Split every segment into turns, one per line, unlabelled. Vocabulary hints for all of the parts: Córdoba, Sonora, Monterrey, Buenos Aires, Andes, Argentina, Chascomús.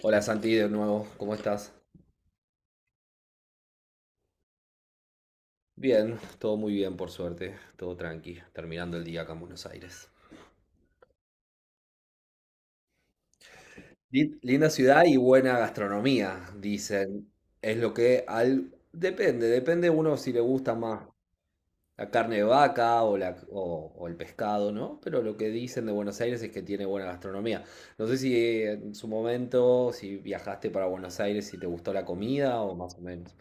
Hola Santi, de nuevo, ¿cómo estás? Bien, todo muy bien por suerte, todo tranqui, terminando el día acá en Buenos Aires. Linda ciudad y buena gastronomía, dicen. Es lo que al... Depende, depende uno si le gusta más la carne de vaca o el pescado, ¿no? Pero lo que dicen de Buenos Aires es que tiene buena gastronomía. No sé si en su momento, si viajaste para Buenos Aires, si te gustó la comida o más o menos.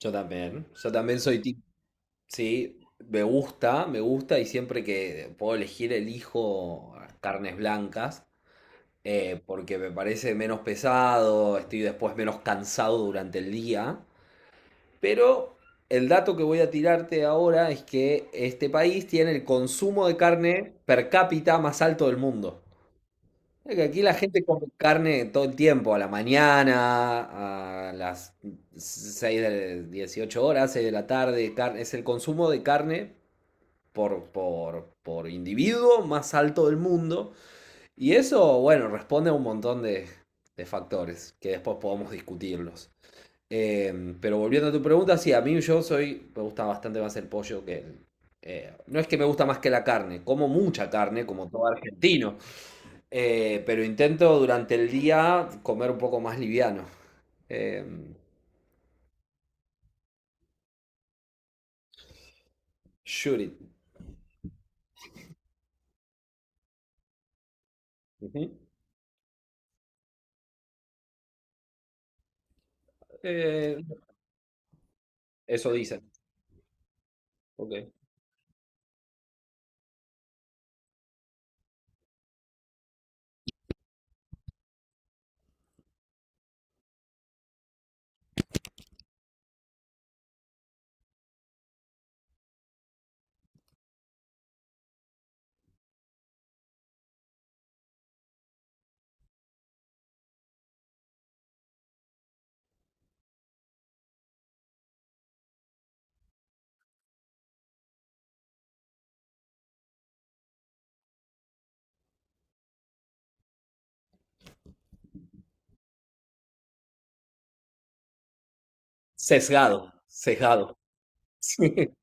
Yo también soy sí, me gusta y siempre que puedo elegir elijo carnes blancas porque me parece menos pesado, estoy después menos cansado durante el día. Pero el dato que voy a tirarte ahora es que este país tiene el consumo de carne per cápita más alto del mundo. Es que aquí la gente come carne todo el tiempo, a la mañana, a las 6 de 18 horas, 6 de la tarde, es el consumo de carne por individuo más alto del mundo. Y eso, bueno, responde a un montón de factores que después podemos discutirlos. Pero volviendo a tu pregunta, sí, a mí me gusta bastante más el pollo No es que me gusta más que la carne, como mucha carne, como todo argentino, pero intento durante el día comer un poco más liviano. Eh, shoot it. Ujú. Eh, eso dicen. Ok. Sesgado, sesgado.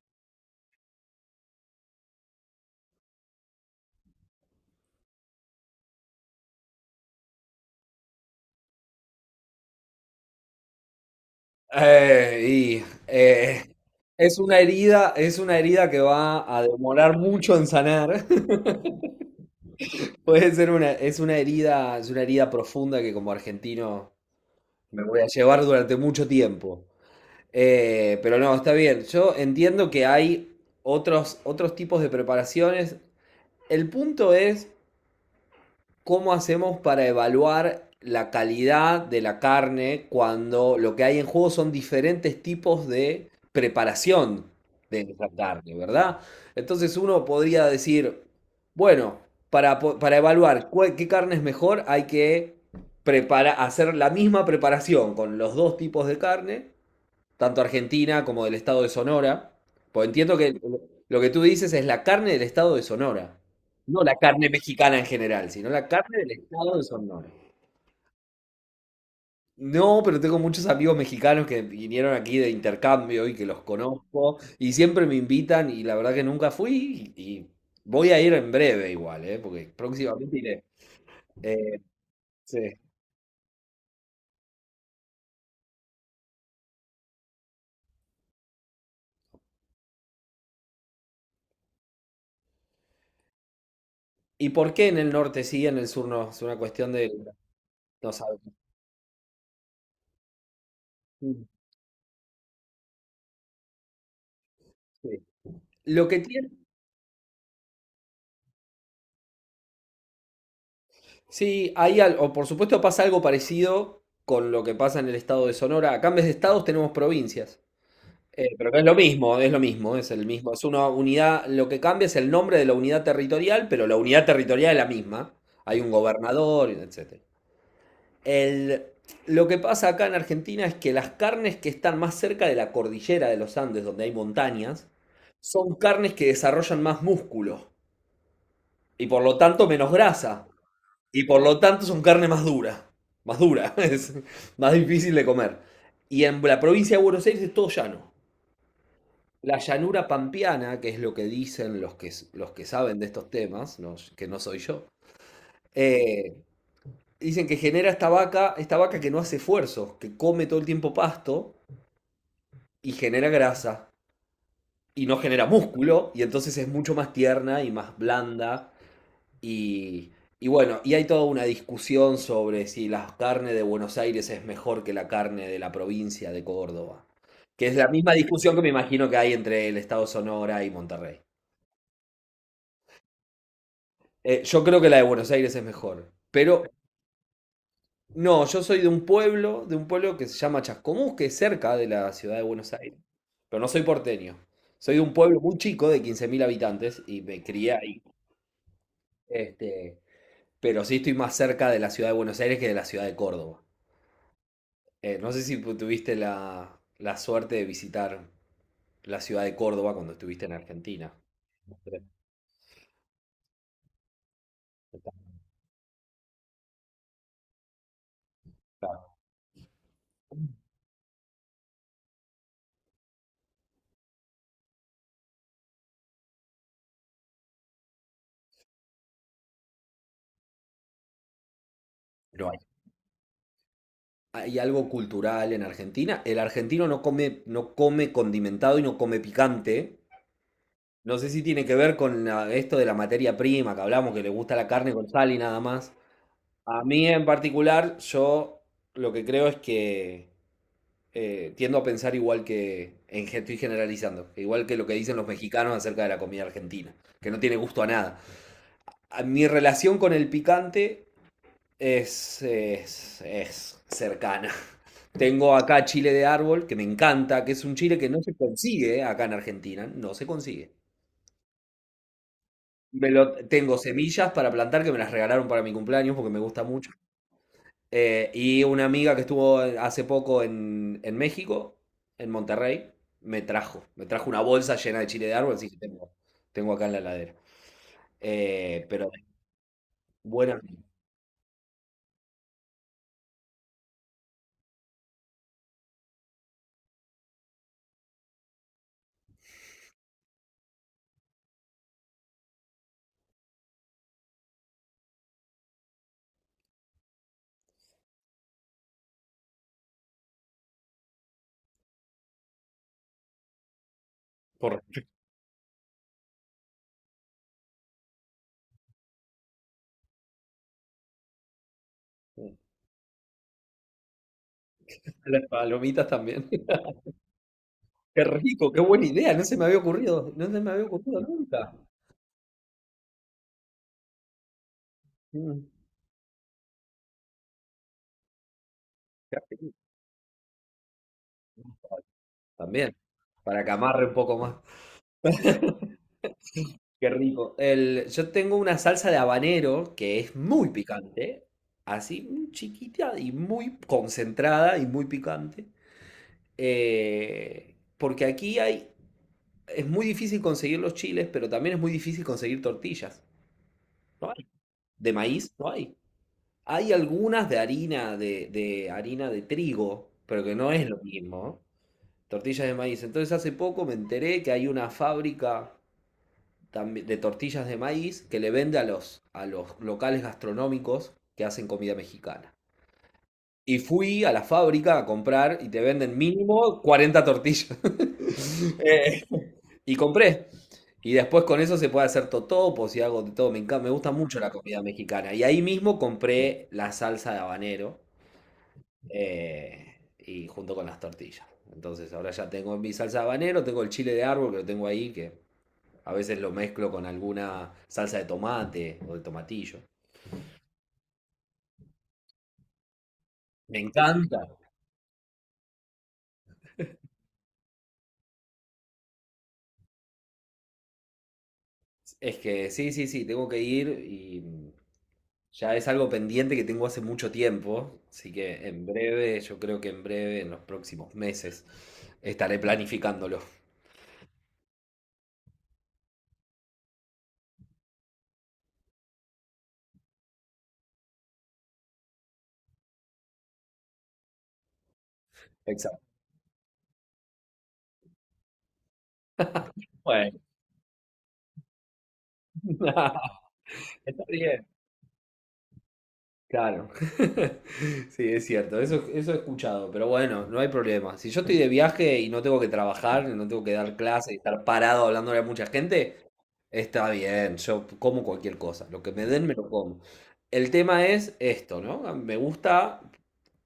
Eh, y, eh, es una herida, es una herida que va a demorar mucho en sanar. Es una herida profunda que como argentino me voy a llevar durante mucho tiempo. Pero no, está bien. Yo entiendo que hay otros tipos de preparaciones. El punto es ¿cómo hacemos para evaluar la calidad de la carne cuando lo que hay en juego son diferentes tipos de preparación de esa carne, ¿verdad? Entonces uno podría decir, bueno, para, para evaluar qué carne es mejor, hay que hacer la misma preparación con los dos tipos de carne tanto argentina como del estado de Sonora. Pues entiendo que lo que tú dices es la carne del estado de Sonora, no la carne mexicana en general, sino la carne del estado de Sonora. No, pero tengo muchos amigos mexicanos que vinieron aquí de intercambio y que los conozco y siempre me invitan y la verdad que nunca fui y voy a ir en breve igual, ¿eh? Porque próximamente iré. Eh, sí. ¿Y por qué en el norte sí, en el sur no? Es una cuestión de... No sabes. Sí. Sí. Lo que tiene... Sí, ahí o por supuesto pasa algo parecido con lo que pasa en el estado de Sonora. Acá en vez de estados tenemos provincias. Pero no es lo mismo, es lo mismo, es el mismo. Es una unidad, lo que cambia es el nombre de la unidad territorial, pero la unidad territorial es la misma. Hay un gobernador, etcétera. El- lo que pasa acá en Argentina es que las carnes que están más cerca de la cordillera de los Andes, donde hay montañas, son carnes que desarrollan más músculo y por lo tanto menos grasa. Y por lo tanto son carne más dura, es más difícil de comer. Y en la provincia de Buenos Aires es todo llano. La llanura pampeana, que es lo que dicen los que saben de estos temas, que no soy yo, eh, dicen que genera esta vaca que no hace esfuerzos, que come todo el tiempo pasto y genera grasa y no genera músculo y entonces es mucho más tierna y más blanda. Y, y bueno, y hay toda una discusión sobre si la carne de Buenos Aires es mejor que la carne de la provincia de Córdoba, que es la misma discusión que me imagino que hay entre el estado Sonora y Monterrey. Yo creo que la de Buenos Aires es mejor, pero no, yo soy de un pueblo que se llama Chascomús, que es cerca de la ciudad de Buenos Aires, pero no soy porteño. Soy de un pueblo muy chico de 15.000 habitantes y me crié ahí. Este, pero sí estoy más cerca de la ciudad de Buenos Aires que de la ciudad de Córdoba. No sé si tuviste la suerte de visitar la ciudad de Córdoba cuando estuviste en Argentina. Claro. No hay. Hay algo cultural en Argentina. El argentino no come, no come condimentado y no come picante. No sé si tiene que ver con esto de la materia prima que hablamos, que le gusta la carne con sal y nada más. A mí en particular, yo lo que creo es que tiendo a pensar igual que, estoy generalizando, igual que lo que dicen los mexicanos acerca de la comida argentina, que no tiene gusto a nada. Mi relación con el picante es cercana. Tengo acá chile de árbol, que me encanta, que es un chile que no se consigue acá en Argentina, no se consigue. Tengo semillas para plantar que me las regalaron para mi cumpleaños porque me gusta mucho. Y una amiga que estuvo hace poco en, México, en Monterrey, me trajo una bolsa llena de chile de árbol, así que tengo acá en la heladera. Pero bueno, por las palomitas también. Qué rico, qué buena idea, no se me había ocurrido, no se me había ocurrido nunca. Mm, qué rico. También, para que amarre un poco más. Qué rico. El, yo tengo una salsa de habanero que es muy picante, así muy chiquita y muy concentrada y muy picante. Porque aquí es muy difícil conseguir los chiles, pero también es muy difícil conseguir tortillas. No hay. De maíz no hay. Hay algunas de harina de harina de trigo, pero que no es lo mismo. Tortillas de maíz. Entonces hace poco me enteré que hay una fábrica de tortillas de maíz que le vende a los locales gastronómicos que hacen comida mexicana. Y fui a la fábrica a comprar y te venden mínimo 40 tortillas. Eh, y compré. Y después con eso se puede hacer totopos y hago de todo. Me encanta, me gusta mucho la comida mexicana. Y ahí mismo compré la salsa de habanero y junto con las tortillas. Entonces ahora ya tengo mi salsa de habanero, tengo el chile de árbol que lo tengo ahí, que a veces lo mezclo con alguna salsa de tomate o de tomatillo. Me encanta. Es que sí, sí, sí, tengo que ir y ya es algo pendiente que tengo hace mucho tiempo, así que en breve, yo creo que en breve, en los próximos meses, estaré planificándolo. Exacto. Bueno, está bien. Claro. Sí, es cierto, eso he escuchado, pero bueno, no hay problema. Si yo estoy de viaje y no tengo que trabajar, no tengo que dar clase y estar parado hablándole a mucha gente, está bien, yo como cualquier cosa, lo que me den me lo como. El tema es esto, ¿no? Me gusta,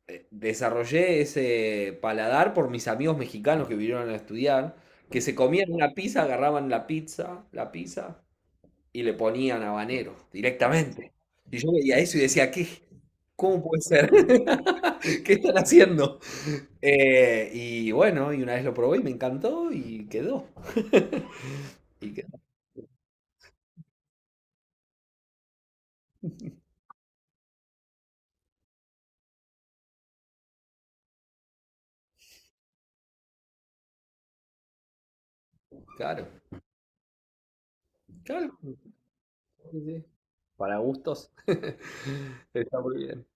desarrollé ese paladar por mis amigos mexicanos que vinieron a estudiar, que se comían una pizza, agarraban la pizza, y le ponían habanero directamente. Y yo veía eso y decía, ¿qué? ¿Cómo puede ser? ¿Qué están haciendo? Y bueno, y una vez lo probé y me encantó y quedó. Y quedó, claro. Claro. Sí, sí. Para gustos. Está muy bien.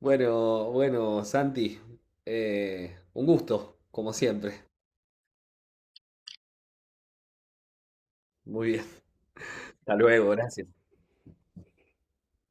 Bueno, bueno, Santi, un gusto, como siempre. Muy bien. Hasta luego, gracias.